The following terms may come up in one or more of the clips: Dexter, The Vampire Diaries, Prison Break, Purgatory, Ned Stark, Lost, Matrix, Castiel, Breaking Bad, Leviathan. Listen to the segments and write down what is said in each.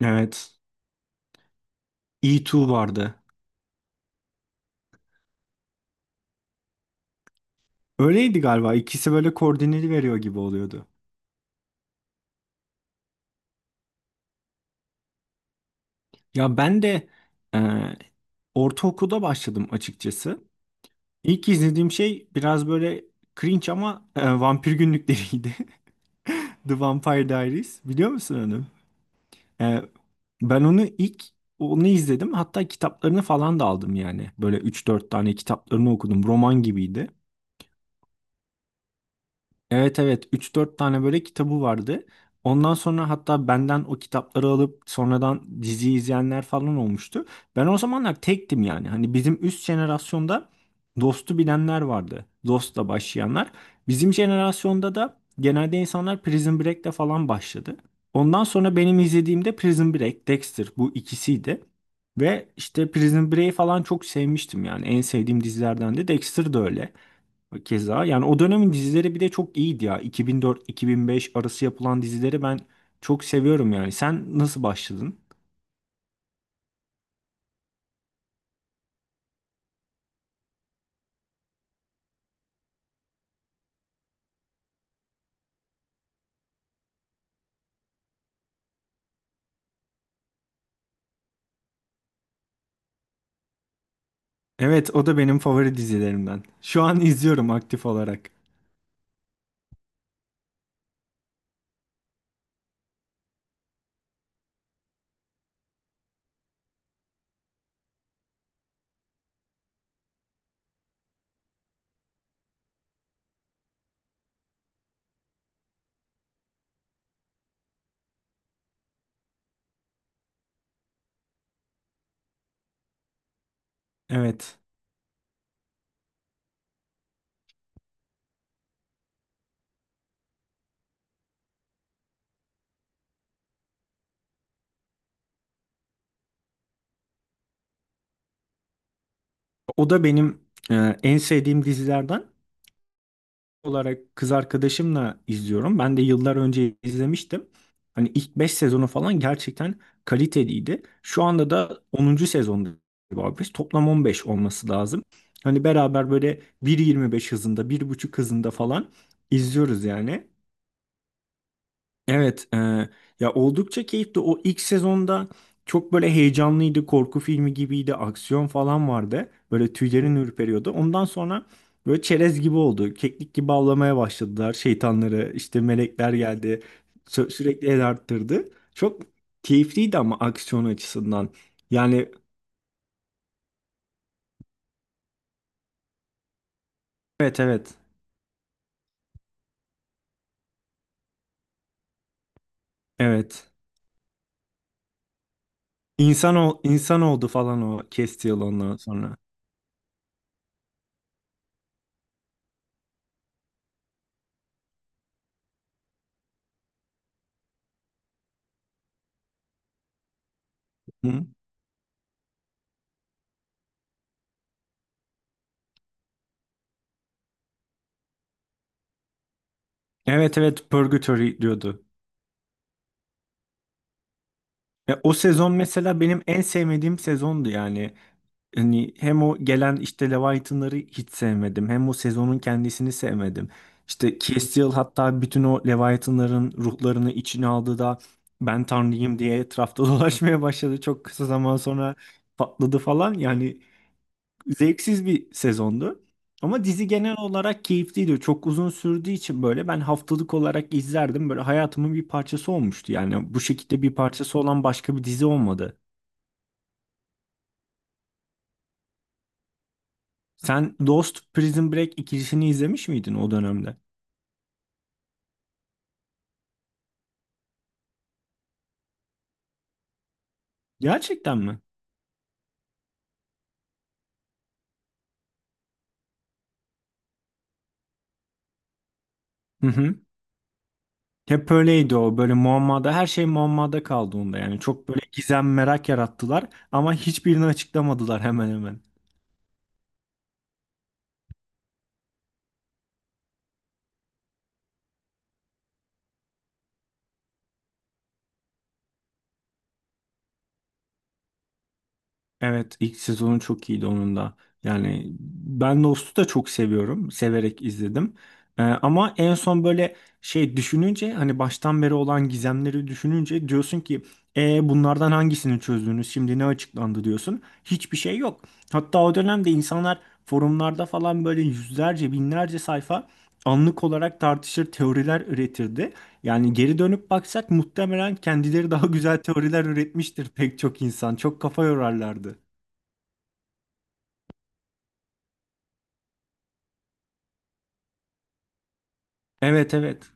Evet. E2 vardı. Öyleydi galiba. İkisi böyle koordineli veriyor gibi oluyordu. Ya ben de e, ortaokulda başladım açıkçası. İlk izlediğim şey biraz böyle cringe ama vampir günlükleriydi. The Vampire Diaries. Biliyor musun onu? E, ben onu ilk onu izledim. Hatta kitaplarını falan da aldım yani. Böyle üç dört tane kitaplarını okudum. Roman gibiydi. Evet, evet, üç dört tane böyle kitabı vardı. Ondan sonra hatta benden o kitapları alıp sonradan dizi izleyenler falan olmuştu. Ben o zamanlar tektim yani. Hani bizim üst jenerasyonda Dost'u bilenler vardı. Dost'la başlayanlar. Bizim jenerasyonda da genelde insanlar Prison Break'le falan başladı. Ondan sonra benim izlediğimde Prison Break, Dexter, bu ikisiydi. Ve işte Prison Break'i falan çok sevmiştim yani. En sevdiğim dizilerden de Dexter de öyle. Keza yani o dönemin dizileri bir de çok iyiydi ya. 2004-2005 arası yapılan dizileri ben çok seviyorum yani. Sen nasıl başladın? Evet, o da benim favori dizilerimden. Şu an izliyorum aktif olarak. Evet. O da benim en sevdiğim dizilerden. Olarak kız arkadaşımla izliyorum. Ben de yıllar önce izlemiştim. Hani ilk 5 sezonu falan gerçekten kaliteliydi. Şu anda da onuncu sezonda galiba biz. Toplam 15 olması lazım. Hani beraber böyle 1.25 hızında, 1,5 hızında falan izliyoruz yani. Evet, ya oldukça keyifli. O ilk sezonda çok böyle heyecanlıydı, korku filmi gibiydi, aksiyon falan vardı. Böyle tüylerin ürperiyordu. Ondan sonra böyle çerez gibi oldu. Keklik gibi avlamaya başladılar şeytanları. İşte melekler geldi. Sürekli el arttırdı. Çok keyifliydi ama aksiyon açısından. Yani evet, evet, evet. İnsan oldu falan o Castiel ondan sonra. Hı? Evet, evet, Purgatory diyordu. Ya o sezon mesela benim en sevmediğim sezondu yani. Hani hem o gelen işte Leviathan'ları hiç sevmedim. Hem o sezonun kendisini sevmedim. İşte Castiel hatta bütün o Leviathan'ların ruhlarını içine aldı da ben tanrıyım diye etrafta dolaşmaya başladı. Çok kısa zaman sonra patladı falan. Yani zevksiz bir sezondu. Ama dizi genel olarak keyifliydi. Çok uzun sürdüğü için böyle ben haftalık olarak izlerdim. Böyle hayatımın bir parçası olmuştu. Yani bu şekilde bir parçası olan başka bir dizi olmadı. Sen Lost, Prison Break ikilisini izlemiş miydin o dönemde? Gerçekten mi? Hı hı. Hep öyleydi o, böyle muammada, her şey muammada kaldı onda yani, çok böyle gizem, merak yarattılar ama hiçbirini açıklamadılar hemen hemen. Evet, ilk sezonu çok iyiydi onun da. Yani ben Lost'u da çok seviyorum. Severek izledim. Ama en son böyle şey düşününce, hani baştan beri olan gizemleri düşününce diyorsun ki bunlardan hangisini çözdünüz? Şimdi ne açıklandı diyorsun. Hiçbir şey yok. Hatta o dönemde insanlar forumlarda falan böyle yüzlerce binlerce sayfa anlık olarak tartışır, teoriler üretirdi. Yani geri dönüp baksak muhtemelen kendileri daha güzel teoriler üretmiştir pek çok insan. Çok kafa yorarlardı. Evet, evet.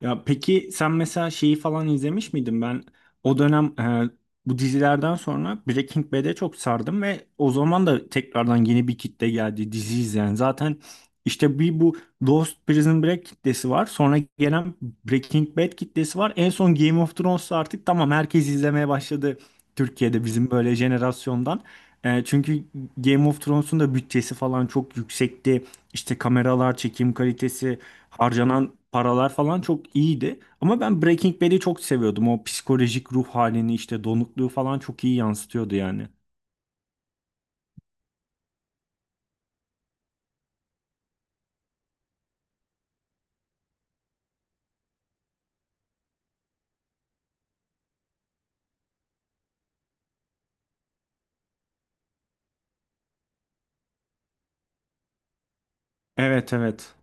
Ya peki sen mesela şeyi falan izlemiş miydin? Ben o dönem bu dizilerden sonra Breaking Bad'e çok sardım ve o zaman da tekrardan yeni bir kitle geldi dizi izleyen. Zaten işte bir bu Lost, Prison Break kitlesi var. Sonra gelen Breaking Bad kitlesi var. En son Game of Thrones'ta artık tamam herkes izlemeye başladı Türkiye'de bizim böyle jenerasyondan. Çünkü Game of Thrones'un da bütçesi falan çok yüksekti. İşte kameralar, çekim kalitesi, harcanan paralar falan çok iyiydi. Ama ben Breaking Bad'i çok seviyordum. O psikolojik ruh halini işte donukluğu falan çok iyi yansıtıyordu yani. Evet, evet.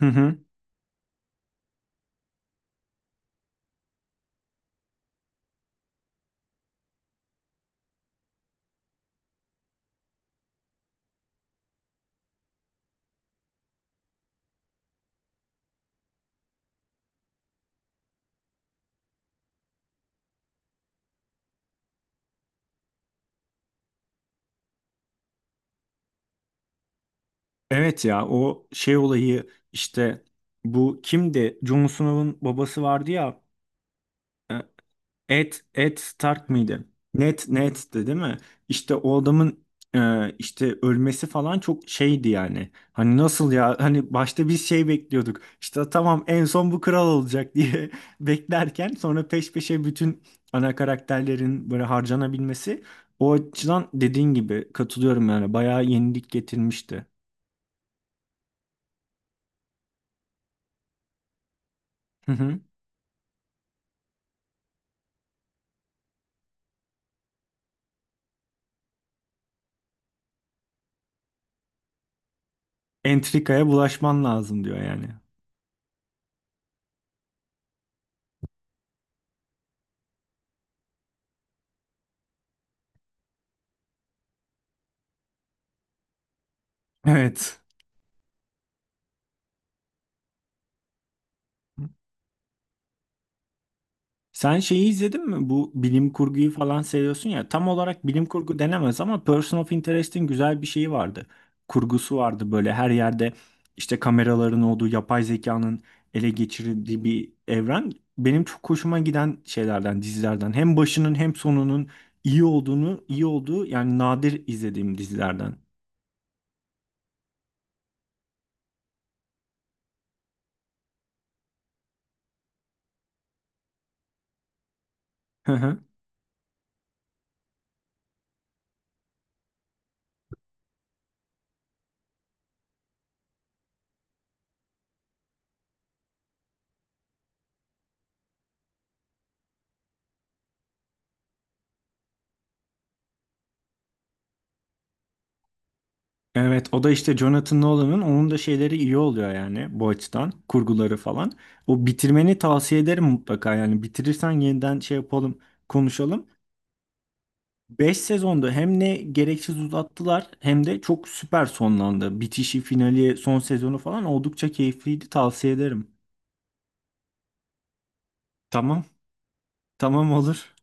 Hı hı. Evet ya, o şey olayı işte, bu kimdi? Jon Snow'un babası vardı ya. Ed Stark mıydı? Ned'di değil mi? İşte o adamın işte ölmesi falan çok şeydi yani. Hani nasıl ya? Hani başta biz şey bekliyorduk. İşte tamam en son bu kral olacak diye beklerken sonra peş peşe bütün ana karakterlerin böyle harcanabilmesi, o açıdan dediğin gibi katılıyorum yani. Bayağı yenilik getirmişti. Hı hı. Entrikaya bulaşman lazım diyor yani. Evet. Sen şeyi izledin mi? Bu bilim kurguyu falan seviyorsun ya. Tam olarak bilim kurgu denemez ama Person of Interest'in güzel bir şeyi vardı. Kurgusu vardı, böyle her yerde işte kameraların olduğu, yapay zekanın ele geçirdiği bir evren. Benim çok hoşuma giden şeylerden, dizilerden. Hem başının hem sonunun iyi olduğunu, iyi olduğu yani nadir izlediğim dizilerden. Evet, o da işte Jonathan Nolan'ın, onun da şeyleri iyi oluyor yani bu açıdan, kurguları falan. O bitirmeni tavsiye ederim mutlaka yani, bitirirsen yeniden şey yapalım, konuşalım. 5 sezonda hem ne gereksiz uzattılar hem de çok süper sonlandı. Bitişi, finali, son sezonu falan oldukça keyifliydi, tavsiye ederim. Tamam, tamam, olur.